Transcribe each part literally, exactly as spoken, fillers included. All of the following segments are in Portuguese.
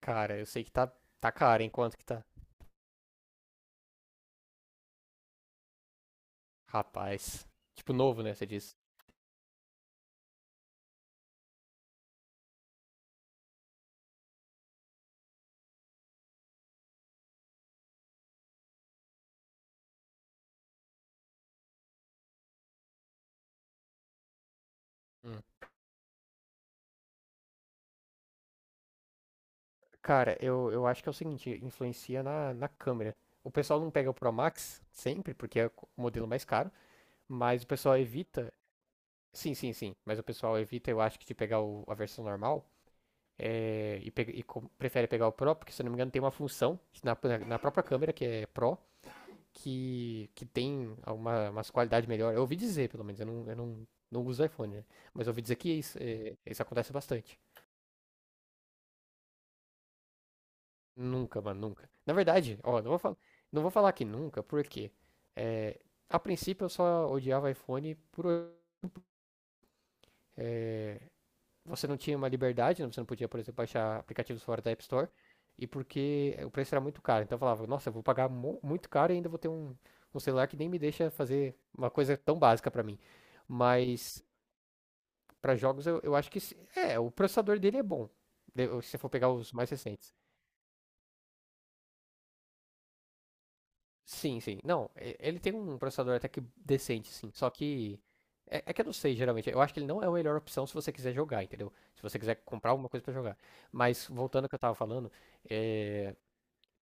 Cara, eu sei que tá, tá caro, hein? Quanto que tá? Rapaz. Tipo, novo, né? Você diz. Hum. Cara, eu, eu acho que é o seguinte, influencia na, na câmera. O pessoal não pega o Pro Max sempre, porque é o modelo mais caro, mas o pessoal evita. Sim, sim, sim. Mas o pessoal evita, eu acho, que de pegar o- a versão normal. é, e, pe- e co- prefere pegar o Pro, porque se eu não me engano tem uma função na, na própria câmera que é Pro, que, que tem uma, umas qualidades melhores. Eu ouvi dizer, pelo menos, eu não, eu não, não uso iPhone, né? Mas eu ouvi dizer que isso, é, isso acontece bastante. Nunca, mano, nunca. Na verdade, ó, não vou, fal- não vou falar que nunca, porque é, a princípio eu só odiava iPhone por você não tinha uma liberdade, né? Você não podia, por exemplo, baixar aplicativos fora da App Store, e porque o preço era muito caro. Então eu falava, nossa, eu vou pagar mu- muito caro e ainda vou ter um, um celular que nem me deixa fazer uma coisa tão básica pra mim. Mas para jogos, eu, eu acho que. se- É, o processador dele é bom. de- Se você for pegar os mais recentes. Sim, sim. Não, e- ele tem um processador até que decente, sim. Só que. É, é que eu não sei, geralmente. Eu acho que ele não é a melhor opção se você quiser jogar, entendeu? Se você quiser comprar alguma coisa pra jogar. Mas, voltando ao que eu tava falando, é.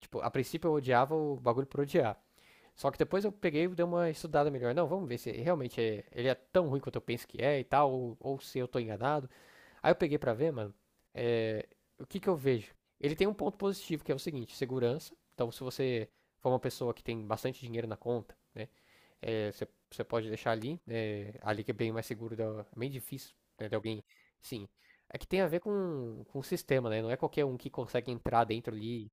Tipo, a princípio eu odiava o bagulho por odiar. Só que depois eu peguei e dei uma estudada melhor. Não, vamos ver se realmente é, ele é tão ruim quanto eu penso que é e tal, ou, ou se eu tô enganado. Aí eu peguei pra ver, mano, é, o que que eu vejo? Ele tem um ponto positivo, que é o seguinte, segurança. Então, se você for uma pessoa que tem bastante dinheiro na conta, né, é, você, você pode deixar ali, né, ali que é bem mais seguro, da, é bem difícil, né, de alguém, sim. É que tem a ver com, com o sistema, né? Não é qualquer um que consegue entrar dentro ali,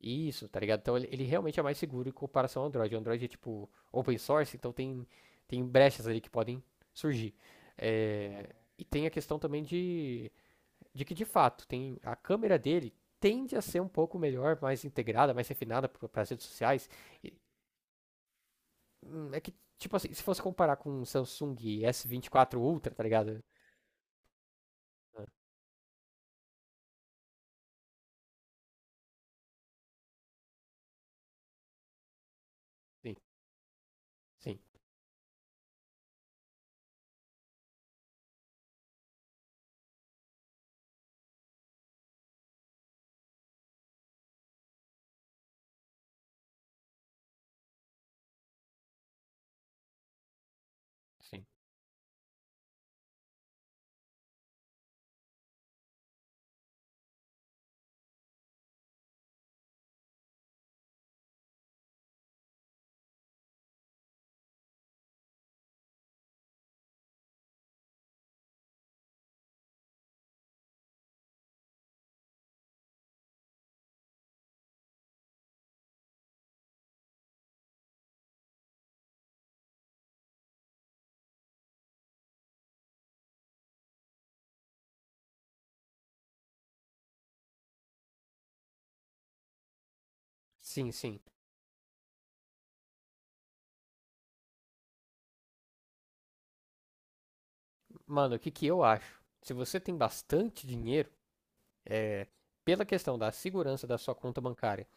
isso, tá ligado? Então, ele, ele realmente é mais seguro em comparação ao Android. O Android é, tipo, open source, então tem, tem brechas ali que podem surgir. É, e tem a questão também de de que de fato tem a câmera dele tende a ser um pouco melhor, mais integrada, mais refinada para as redes sociais. E, hum, é que tipo assim, se fosse comparar com o Samsung S vinte e quatro Ultra, tá ligado? Sim, sim, sim. Sim, sim. Mano, o que que eu acho? Se você tem bastante dinheiro, é, pela questão da segurança da sua conta bancária,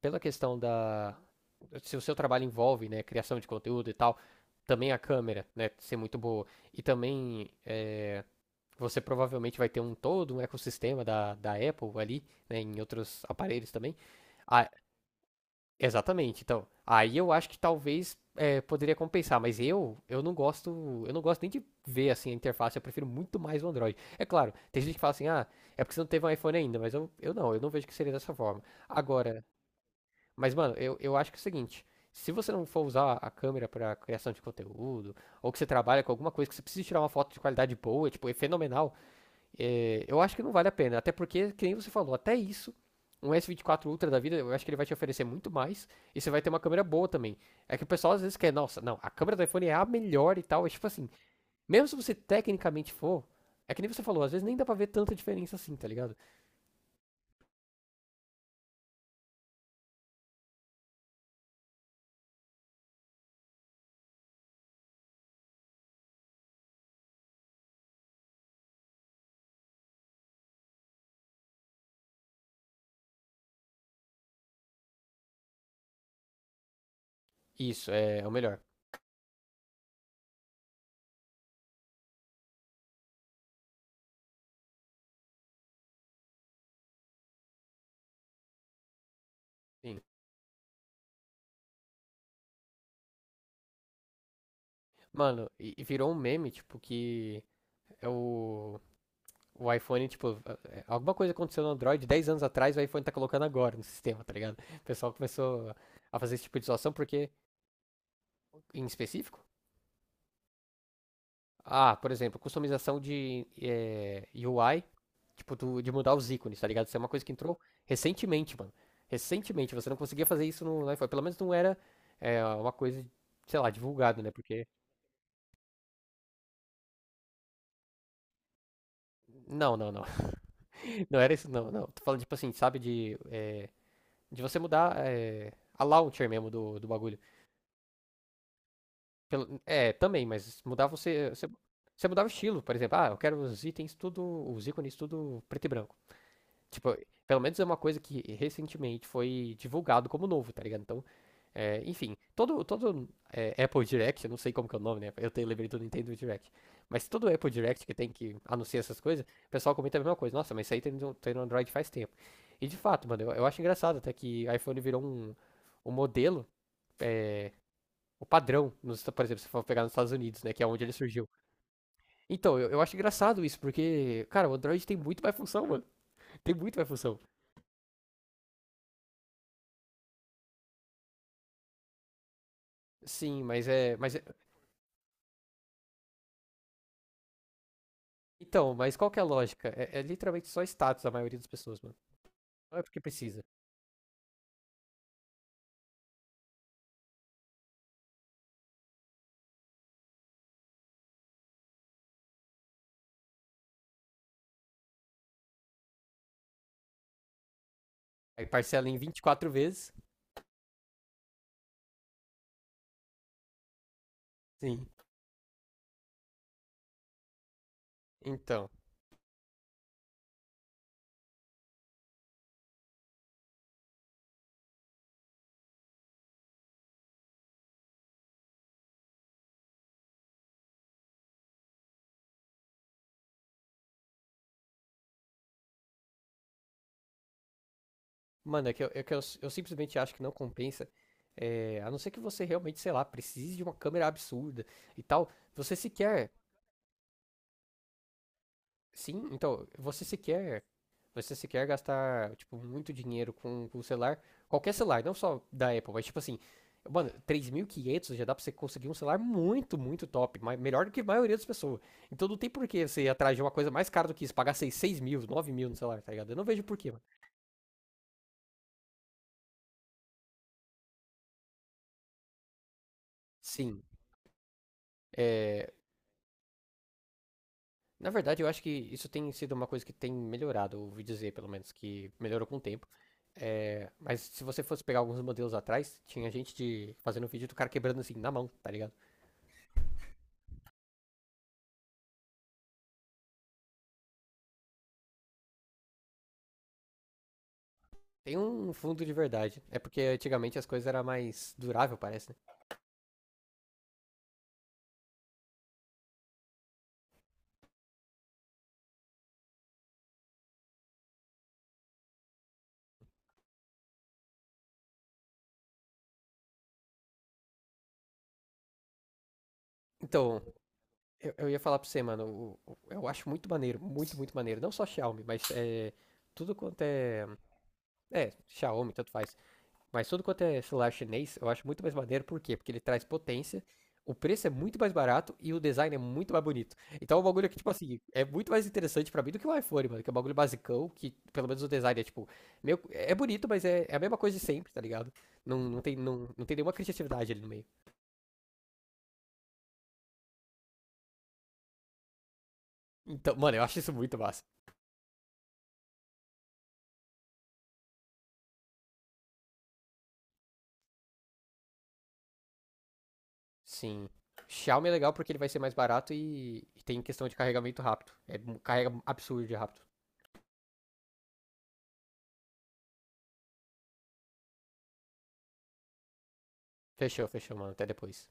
pela questão da se o seu trabalho envolve, né, criação de conteúdo e tal, também a câmera, né, ser muito boa e também é, Você provavelmente vai ter um todo um ecossistema da, da Apple ali, né, em outros aparelhos também. Ah, exatamente. Então, aí eu acho que talvez é, poderia compensar, mas eu eu não gosto, eu não gosto nem de ver assim a interface, eu prefiro muito mais o Android. É claro, tem gente que fala assim: "Ah, é porque você não teve um iPhone ainda", mas eu, eu não, eu não vejo que seria dessa forma. Agora, mas mano, eu, eu acho que é o seguinte, se você não for usar a câmera para criação de conteúdo, ou que você trabalha com alguma coisa que você precisa tirar uma foto de qualidade boa, tipo, é fenomenal, é, eu acho que não vale a pena. Até porque, que nem você falou, até isso, um S vinte e quatro Ultra da vida, eu acho que ele vai te oferecer muito mais. E você vai ter uma câmera boa também. É que o pessoal às vezes quer, nossa, não, a câmera do iPhone é a melhor e tal. É tipo assim, mesmo se você tecnicamente for, é que nem você falou, às vezes nem dá pra ver tanta diferença assim, tá ligado? Isso, é, é o melhor. Sim. Mano, e, e virou um meme, tipo, que é o. O iPhone, tipo, é, é, alguma coisa aconteceu no Android dez anos atrás, o iPhone tá colocando agora no sistema, tá ligado? O pessoal começou a fazer esse tipo de situação porque em específico? Ah, por exemplo, customização de eh, U I, tipo, do- de mudar os ícones, tá ligado? Isso é uma coisa que entrou recentemente, mano. Recentemente, você não conseguia fazer isso no no iPhone. Pelo menos não era eh, uma coisa, sei lá, divulgada, né? Porque. Não, não, não. Não era isso, não, não. Tô falando, tipo assim, sabe, de, eh, de você mudar eh, a launcher mesmo do, do bagulho. Pelo- é, também, mas mudar você, você. Você mudava o estilo, por exemplo. Ah, eu quero os itens tudo. Os ícones tudo preto e branco. Tipo, pelo menos é uma coisa que recentemente foi divulgado como novo, tá ligado? Então, é, enfim, todo, todo é, Apple Direct, eu não sei como que é o nome, né? Eu tenho lembrei do Nintendo Direct. Mas todo Apple Direct que tem que anunciar essas coisas, o pessoal comenta a mesma coisa. Nossa, mas isso aí tem no, tem no Android faz tempo. E de fato, mano, eu, eu acho engraçado até que iPhone virou um, um modelo, é, o padrão, nos, por exemplo, se for pegar nos Estados Unidos, né? Que é onde ele surgiu. Então, eu, eu acho engraçado isso, porque, cara, o Android tem muito mais função, mano. Tem muito mais função. Sim, mas é. Mas é- Então, mas qual que é a lógica? É, é literalmente só status a maioria das pessoas, mano. Não é porque precisa. Aí parcela em vinte e quatro vezes. Sim. Então. Mano, é que eu, é que eu, eu simplesmente acho que não compensa. É, a não ser que você realmente, sei lá, precise de uma câmera absurda e tal. Você sequer Sim, então, você sequer, você sequer gastar, tipo, muito dinheiro com, com o celular, qualquer celular, não só da Apple, mas tipo assim, mano, três mil e quinhentos já dá pra você conseguir um celular muito, muito top, ma- melhor do que a maioria das pessoas. Então não tem por que você ir atrás de uma coisa mais cara do que isso, pagar seis seis mil, nove mil no celular, tá ligado? Eu não vejo por quê, mano. Sim, é. Na verdade, eu acho que isso tem sido uma coisa que tem melhorado, ouvi dizer, pelo menos, que melhorou com o tempo. É, mas se você fosse pegar alguns modelos atrás, tinha gente de fazendo vídeo do cara quebrando assim na mão, tá ligado? Tem um fundo de verdade. É porque antigamente as coisas eram mais durável, parece, né? Então, eu, eu ia falar pra você, mano, o- eu acho muito maneiro, muito, muito maneiro. Não só Xiaomi, mas é, tudo quanto é. É, Xiaomi, tanto faz. Mas tudo quanto é celular chinês, eu acho muito mais maneiro, por quê? Porque ele traz potência, o preço é muito mais barato e o design é muito mais bonito. Então é um bagulho que, tipo assim, é muito mais interessante pra mim do que o iPhone, mano, que é um bagulho basicão, que pelo menos o design é, tipo, meio, é bonito, mas é, é a mesma coisa de sempre, tá ligado? Não, não, tem, não, não tem nenhuma criatividade ali no meio. Então, mano, eu acho isso muito massa. Sim. Xiaomi é legal porque ele vai ser mais barato e, e tem questão de carregamento rápido. É, carrega absurdo de rápido. Fechou, fechou, mano. Até depois.